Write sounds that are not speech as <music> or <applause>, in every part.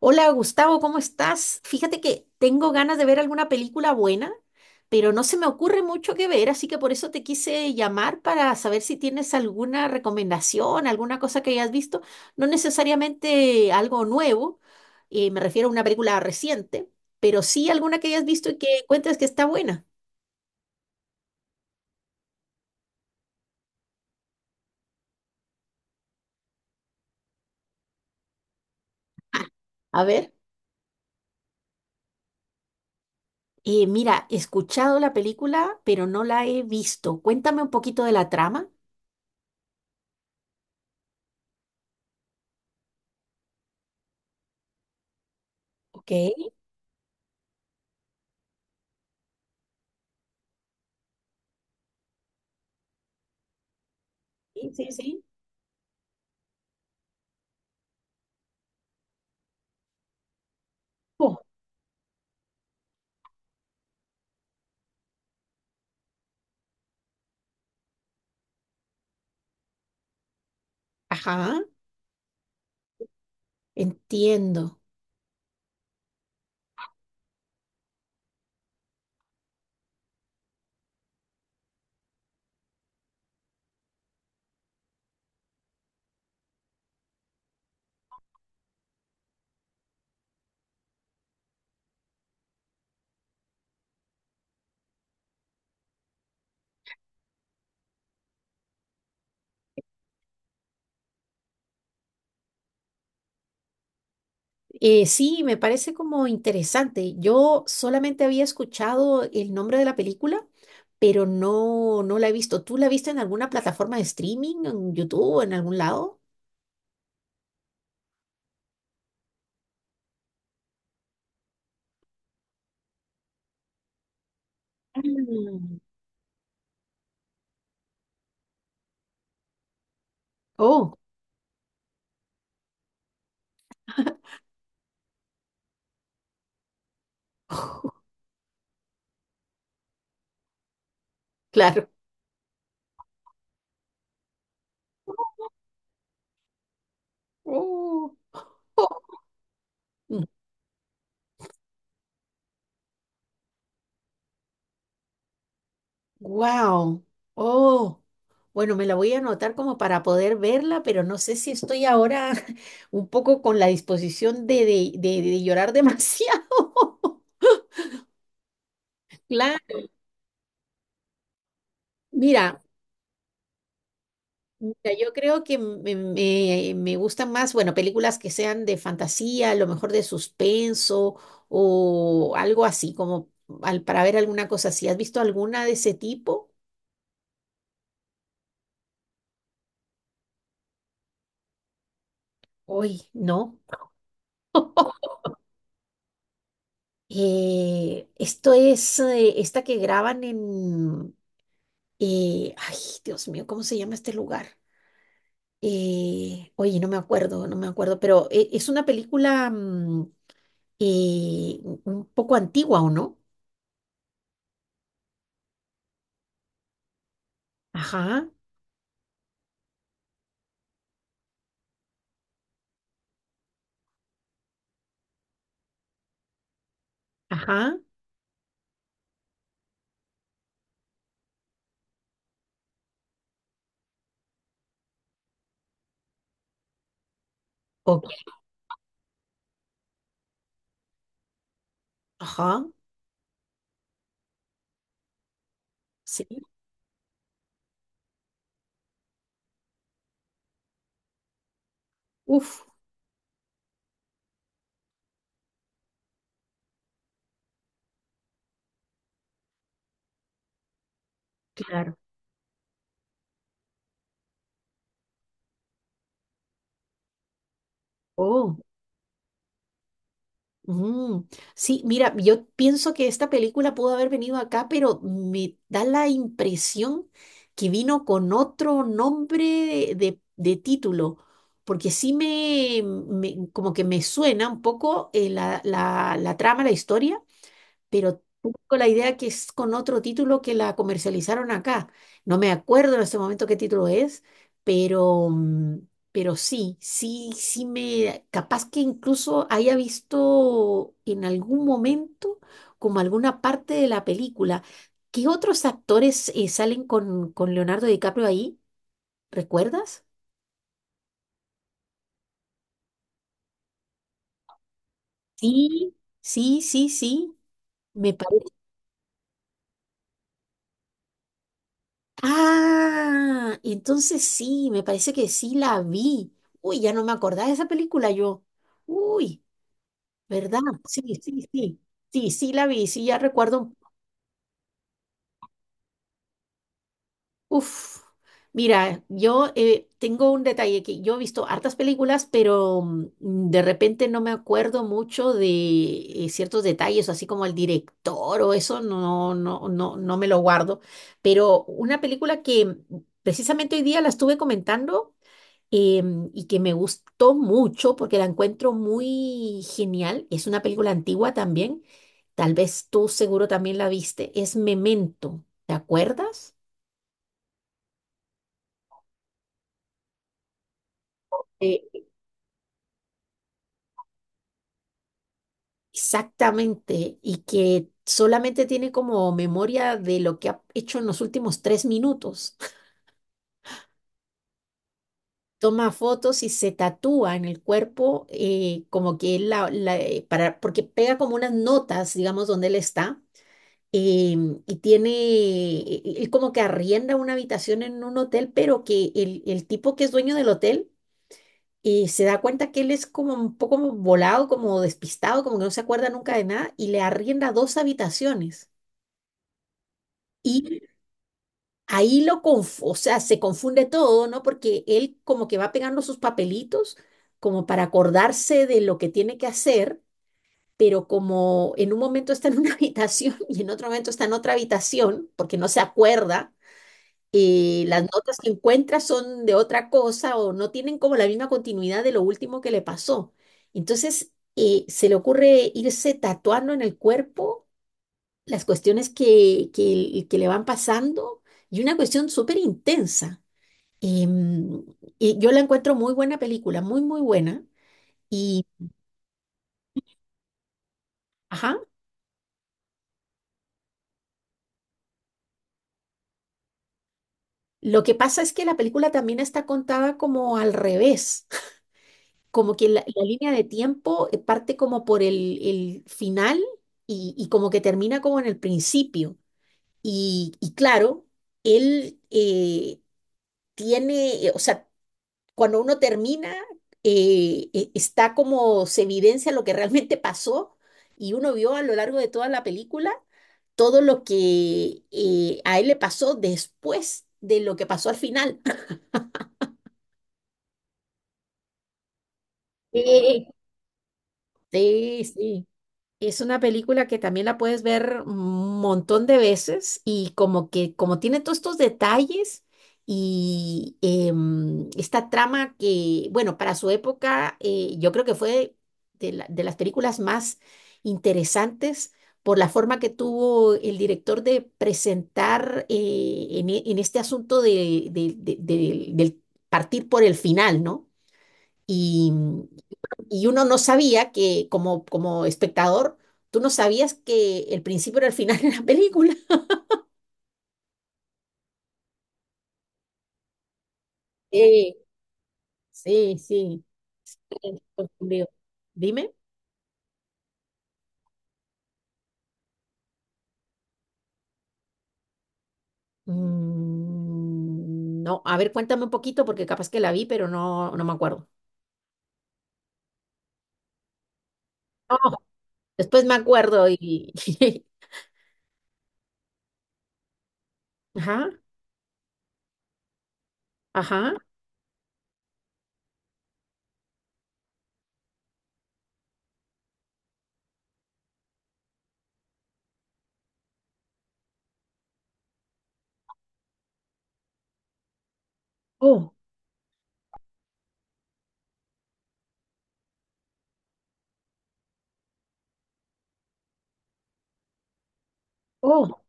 Hola Gustavo, ¿cómo estás? Fíjate que tengo ganas de ver alguna película buena, pero no se me ocurre mucho que ver, así que por eso te quise llamar para saber si tienes alguna recomendación, alguna cosa que hayas visto, no necesariamente algo nuevo, me refiero a una película reciente, pero sí alguna que hayas visto y que encuentres que está buena. Ah, a ver, mira, he escuchado la película, pero no la he visto. Cuéntame un poquito de la trama. Ok, sí, sí, sí. Oh. Ajá. Entiendo. Sí, me parece como interesante. Yo solamente había escuchado el nombre de la película, pero no, no la he visto. ¿Tú la viste en alguna plataforma de streaming, en YouTube, en algún lado? Mm. Oh, <laughs> claro. Oh, wow. Oh, bueno, me la voy a anotar como para poder verla, pero no sé si estoy ahora <laughs> un poco con la disposición de, de llorar demasiado. <laughs> Claro. Mira. Yo creo que me gustan más, bueno, películas que sean de fantasía, a lo mejor de suspenso o algo así, como para ver alguna cosa así. ¿Has visto alguna de ese tipo? Uy, no. <laughs> Esto es esta que graban en... ay, Dios mío, ¿cómo se llama este lugar? Oye, no me acuerdo, no me acuerdo, pero es una película un poco antigua, ¿o no? Ajá. Ajá, ok, ajá, sí, uf, claro, oh, mm. Sí, mira, yo pienso que esta película pudo haber venido acá, pero me da la impresión que vino con otro nombre título, porque sí como que me suena un poco la trama, la historia, pero tengo la idea que es con otro título que la comercializaron acá. No me acuerdo en este momento qué título es, pero, mm, pero sí, sí, sí me, capaz que incluso haya visto en algún momento como alguna parte de la película. ¿Qué otros actores salen con Leonardo DiCaprio ahí? ¿Recuerdas? Sí, sí, sí, sí. Me parece. Ah, entonces sí, me parece que sí la vi. Uy, ya no me acordaba de esa película yo. Uy, ¿verdad? Sí, sí, sí. Sí, sí la vi, sí, ya recuerdo. Uf, mira, yo tengo un detalle que yo he visto hartas películas, pero de repente no me acuerdo mucho de ciertos detalles, así como el director o eso, no, no, no, no me lo guardo. Pero una película que precisamente hoy día la estuve comentando. Y que me gustó mucho porque la encuentro muy genial. Es una película antigua también. Tal vez tú seguro también la viste. Es Memento, ¿te acuerdas? Eh, Exactamente. Y que solamente tiene como memoria de lo que ha hecho en los últimos 3 minutos. <laughs> Toma fotos y se tatúa en el cuerpo como que él la, la- para, porque pega como unas notas, digamos, donde él está y él como que arrienda una habitación en un hotel, pero que el tipo que es dueño del hotel se da cuenta que él es como un poco volado, como despistado, como que no se acuerda nunca de nada, y le arrienda dos habitaciones. Y ahí lo conf- o sea, se confunde todo, ¿no? Porque él como que va pegando sus papelitos como para acordarse de lo que tiene que hacer pero como en un momento está en una <laughs> habitación y en otro momento está en otra habitación, porque no se acuerda, y las notas que encuentra son de otra cosa o no tienen como la misma continuidad de lo último que le pasó. Entonces, se le ocurre irse tatuando en el cuerpo las cuestiones que le van pasando y una cuestión súper intensa. Em, y yo la encuentro muy buena película, muy, muy buena. Y, ajá, lo que pasa es que la película también está contada como al revés. Como que la línea de tiempo parte como por el final, y como que termina como en el principio. Y claro, él tiene, o sea, cuando uno termina, está como se evidencia lo que realmente pasó y uno vio a lo largo de toda la película todo lo que a él le pasó después de lo que pasó al final. <clears throat> Sí, sí, sí. Es una película que también la puedes ver un montón de veces y como que como tiene todos estos detalles y esta trama que, bueno, para su época yo creo que fue de las películas más interesantes por la forma que tuvo el director de presentar en, en este asunto del partir por el final, ¿no? Y uno no sabía que, como, como espectador, tú no sabías que el principio era el final de la película. Sí, sí, sí. Estoy confundido. Dime. Mm, no, a ver, cuéntame un poquito porque capaz que la vi, pero no, no me acuerdo. No, después me acuerdo y... <laughs> Ajá, ajá. Oh, oh.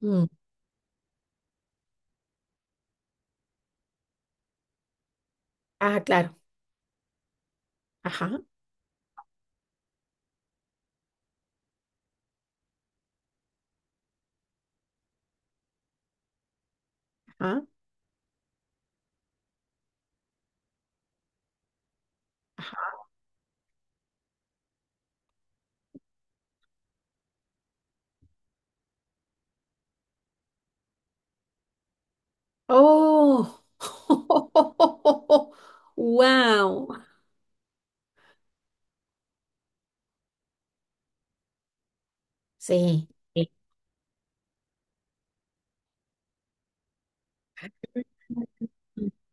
mm, Ah, claro. Ajá, ajá. Ajá. Oh. <laughs> Wow. Sí.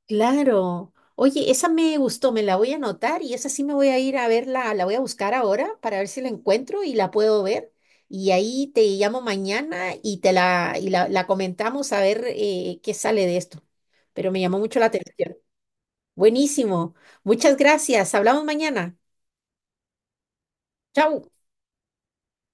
Claro. Oye, esa me gustó, me la voy a anotar y esa sí me voy a ir a verla, la voy a buscar ahora para ver si la encuentro y la puedo ver. Y ahí te llamo mañana y y la comentamos a ver qué sale de esto. Pero me llamó mucho la atención. Buenísimo. Muchas gracias. Hablamos mañana. Chau.